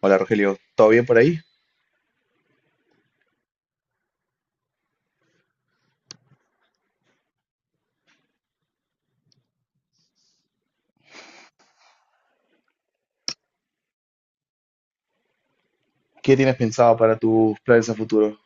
Hola Rogelio, ¿todo bien por ahí? ¿Qué tienes pensado para tus planes a futuro?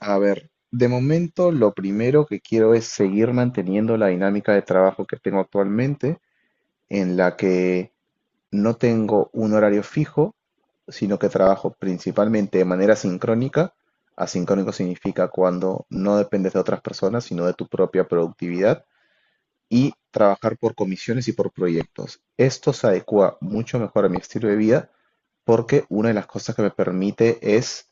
A ver, de momento lo primero que quiero es seguir manteniendo la dinámica de trabajo que tengo actualmente, en la que no tengo un horario fijo, sino que trabajo principalmente de manera sincrónica. Asincrónico significa cuando no dependes de otras personas, sino de tu propia productividad, y trabajar por comisiones y por proyectos. Esto se adecua mucho mejor a mi estilo de vida porque una de las cosas que me permite es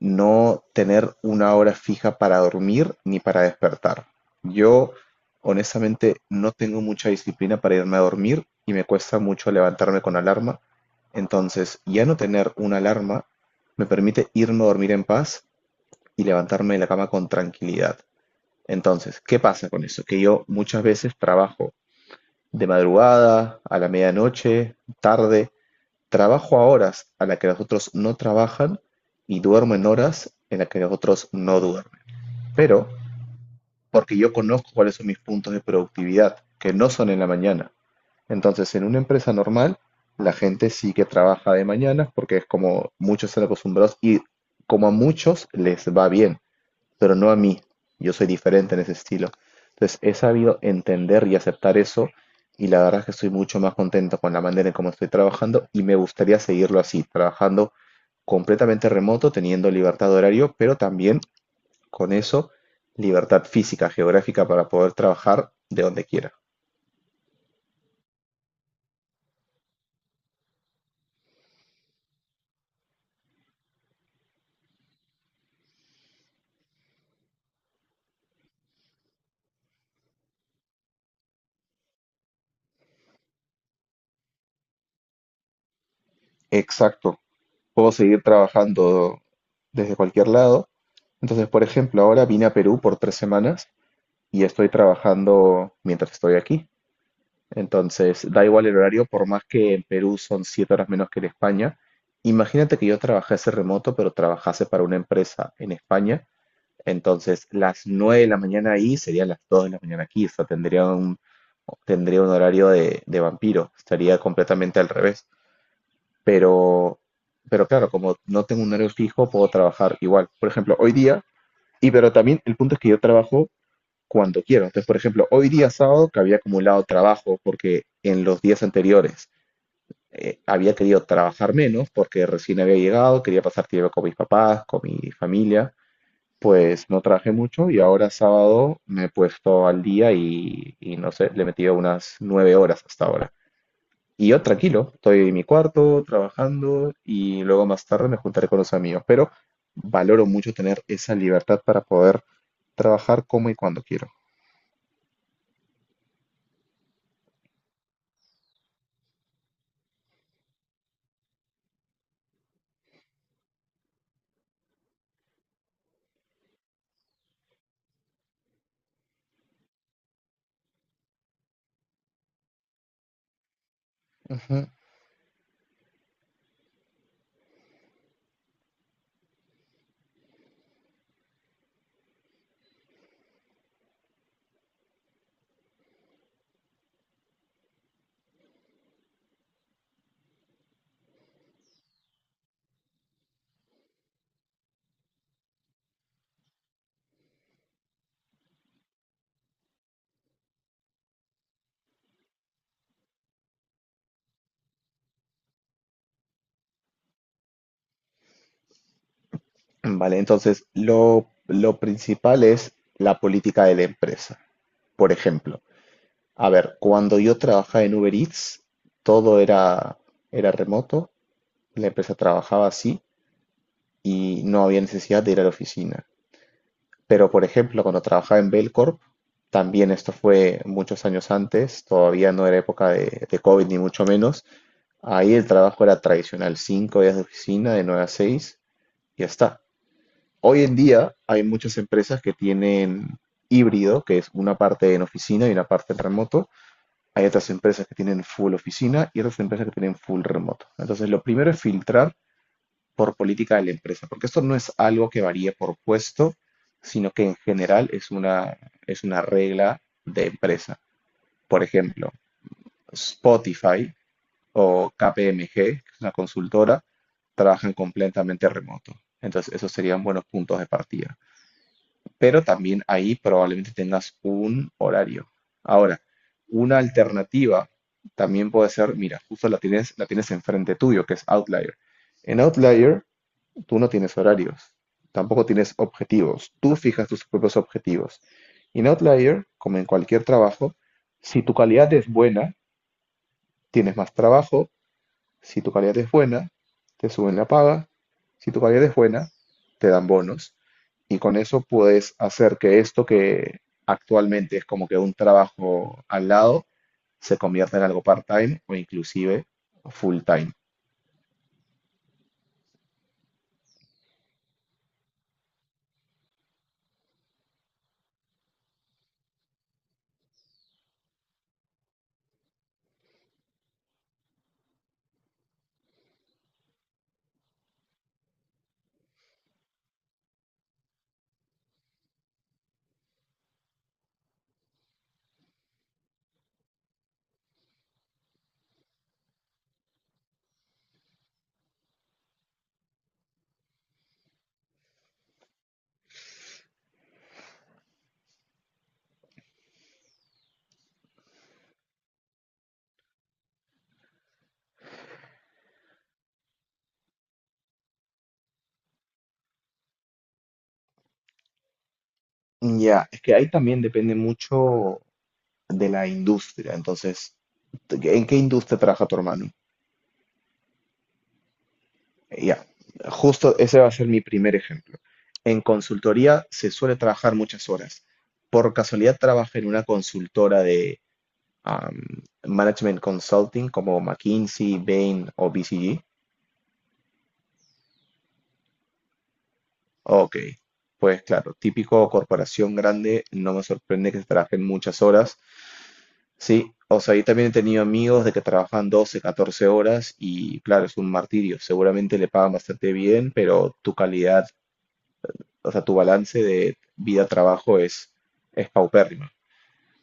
no tener una hora fija para dormir ni para despertar. Yo honestamente no tengo mucha disciplina para irme a dormir y me cuesta mucho levantarme con alarma. Entonces, ya no tener una alarma me permite irme a dormir en paz y levantarme de la cama con tranquilidad. Entonces, ¿qué pasa con eso? Que yo muchas veces trabajo de madrugada, a la medianoche, tarde, trabajo a horas a las que los otros no trabajan y duermo en horas en las que los otros no duermen. Pero porque yo conozco cuáles son mis puntos de productividad, que no son en la mañana. Entonces, en una empresa normal, la gente sí que trabaja de mañana porque es como muchos están acostumbrados y como a muchos les va bien, pero no a mí. Yo soy diferente en ese estilo. Entonces, he sabido entender y aceptar eso, y la verdad es que estoy mucho más contento con la manera en cómo estoy trabajando y me gustaría seguirlo así, trabajando completamente remoto, teniendo libertad de horario, pero también con eso libertad física, geográfica para poder trabajar de donde quiera. Exacto. Puedo seguir trabajando desde cualquier lado. Entonces, por ejemplo, ahora vine a Perú por 3 semanas y estoy trabajando mientras estoy aquí. Entonces, da igual el horario, por más que en Perú son 7 horas menos que en España. Imagínate que yo trabajase remoto, pero trabajase para una empresa en España. Entonces, las 9 de la mañana ahí serían las 2 de la mañana aquí. O sea, tendría un horario de vampiro. Estaría completamente al revés. Pero, pero claro, como no tengo un horario fijo, puedo trabajar igual. Por ejemplo, hoy día, y pero también el punto es que yo trabajo cuando quiero. Entonces, por ejemplo, hoy día sábado que había acumulado trabajo porque en los días anteriores había querido trabajar menos porque recién había llegado, quería pasar tiempo con mis papás, con mi familia, pues no trabajé mucho y ahora sábado me he puesto al día y no sé, le he metido unas 9 horas hasta ahora. Y yo tranquilo, estoy en mi cuarto trabajando y luego más tarde me juntaré con los amigos, pero valoro mucho tener esa libertad para poder trabajar como y cuando quiero. Vale, entonces lo principal es la política de la empresa. Por ejemplo, a ver, cuando yo trabajaba en Uber Eats, todo era remoto, la empresa trabajaba así y no había necesidad de ir a la oficina. Pero, por ejemplo, cuando trabajaba en Belcorp, también esto fue muchos años antes, todavía no era época de COVID ni mucho menos, ahí el trabajo era tradicional, 5 días de oficina, de 9 a 6, y ya está. Hoy en día hay muchas empresas que tienen híbrido, que es una parte en oficina y una parte en remoto. Hay otras empresas que tienen full oficina y otras empresas que tienen full remoto. Entonces, lo primero es filtrar por política de la empresa, porque esto no es algo que varíe por puesto, sino que en general es una regla de empresa. Por ejemplo, Spotify o KPMG, que es una consultora, trabajan completamente remoto. Entonces, esos serían buenos puntos de partida, pero también ahí probablemente tengas un horario. Ahora, una alternativa también puede ser, mira, justo la tienes enfrente tuyo, que es Outlier. En Outlier, tú no tienes horarios, tampoco tienes objetivos, tú fijas tus propios objetivos. Y en Outlier, como en cualquier trabajo, si tu calidad es buena, tienes más trabajo. Si tu calidad es buena, te suben la paga. Si tu calidad es buena, te dan bonos. Y con eso puedes hacer que esto que actualmente es como que un trabajo al lado, se convierta en algo part-time o inclusive full-time. Ya, es que ahí también depende mucho de la industria. Entonces, ¿en qué industria trabaja tu hermano? Ya, justo ese va a ser mi primer ejemplo. En consultoría se suele trabajar muchas horas. ¿Por casualidad trabaja en una consultora de am, management consulting como McKinsey, Bain o BCG? Ok, pues claro, típico corporación grande, no me sorprende que se trabajen muchas horas. Sí, o sea, yo también he tenido amigos de que trabajan 12 14 horas y claro, es un martirio. Seguramente le pagan bastante bien, pero tu calidad. O sea, tu balance de vida-trabajo es paupérrimo.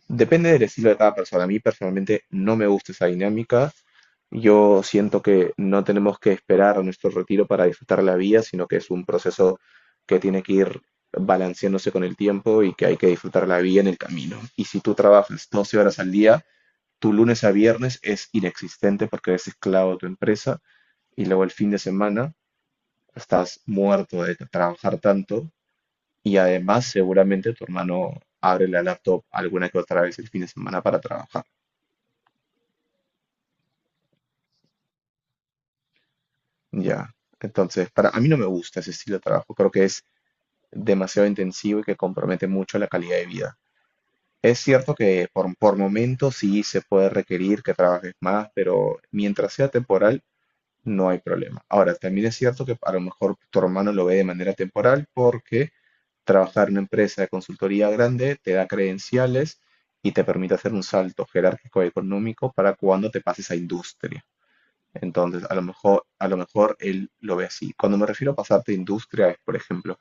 Depende del estilo de cada persona. A mí personalmente no me gusta esa dinámica. Yo siento que no tenemos que esperar a nuestro retiro para disfrutar la vida, sino que es un proceso que tiene que ir balanceándose con el tiempo y que hay que disfrutar la vida en el camino. Y si tú trabajas 12 horas al día, tu lunes a viernes es inexistente porque eres esclavo de tu empresa y luego el fin de semana estás muerto de trabajar tanto y además, seguramente tu hermano abre la laptop alguna que otra vez el fin de semana para trabajar. Ya. Entonces, para a mí no me gusta ese estilo de trabajo. Creo que es demasiado intensivo y que compromete mucho la calidad de vida. Es cierto que por momentos sí se puede requerir que trabajes más, pero mientras sea temporal, no hay problema. Ahora, también es cierto que a lo mejor tu hermano lo ve de manera temporal porque trabajar en una empresa de consultoría grande te da credenciales y te permite hacer un salto jerárquico y económico para cuando te pases a industria. Entonces, a lo mejor él lo ve así. Cuando me refiero a pasarte a industria, es, por ejemplo,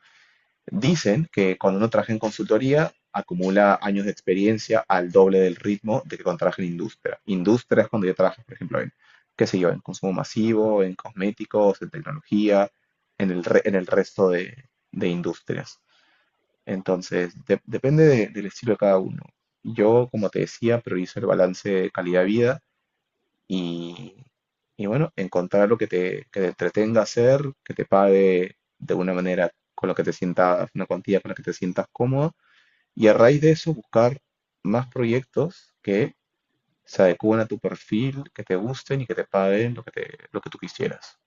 dicen que cuando uno trabaja en consultoría, acumula años de experiencia al doble del ritmo de que cuando trabaja en industria. Industria es cuando yo trabajo, por ejemplo, en, qué sé yo, en consumo masivo, en cosméticos, en tecnología, en el resto de industrias. Entonces, depende del estilo de cada uno. Yo, como te decía, priorizo el balance de calidad-vida y, y bueno, encontrar lo que te, entretenga hacer, que te pague de una manera con lo que te sientas, una cuantía con la que te sientas cómodo y a raíz de eso buscar más proyectos que se adecúen a tu perfil, que te gusten y que te paguen lo que tú quisieras.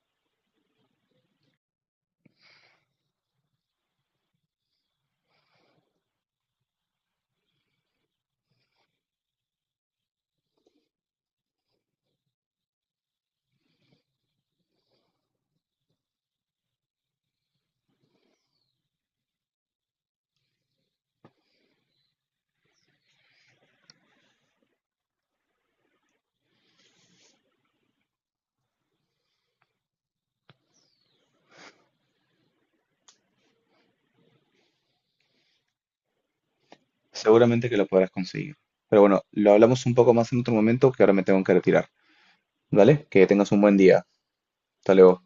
Seguramente que lo podrás conseguir. Pero bueno, lo hablamos un poco más en otro momento que ahora me tengo que retirar. ¿Vale? Que tengas un buen día. Hasta luego.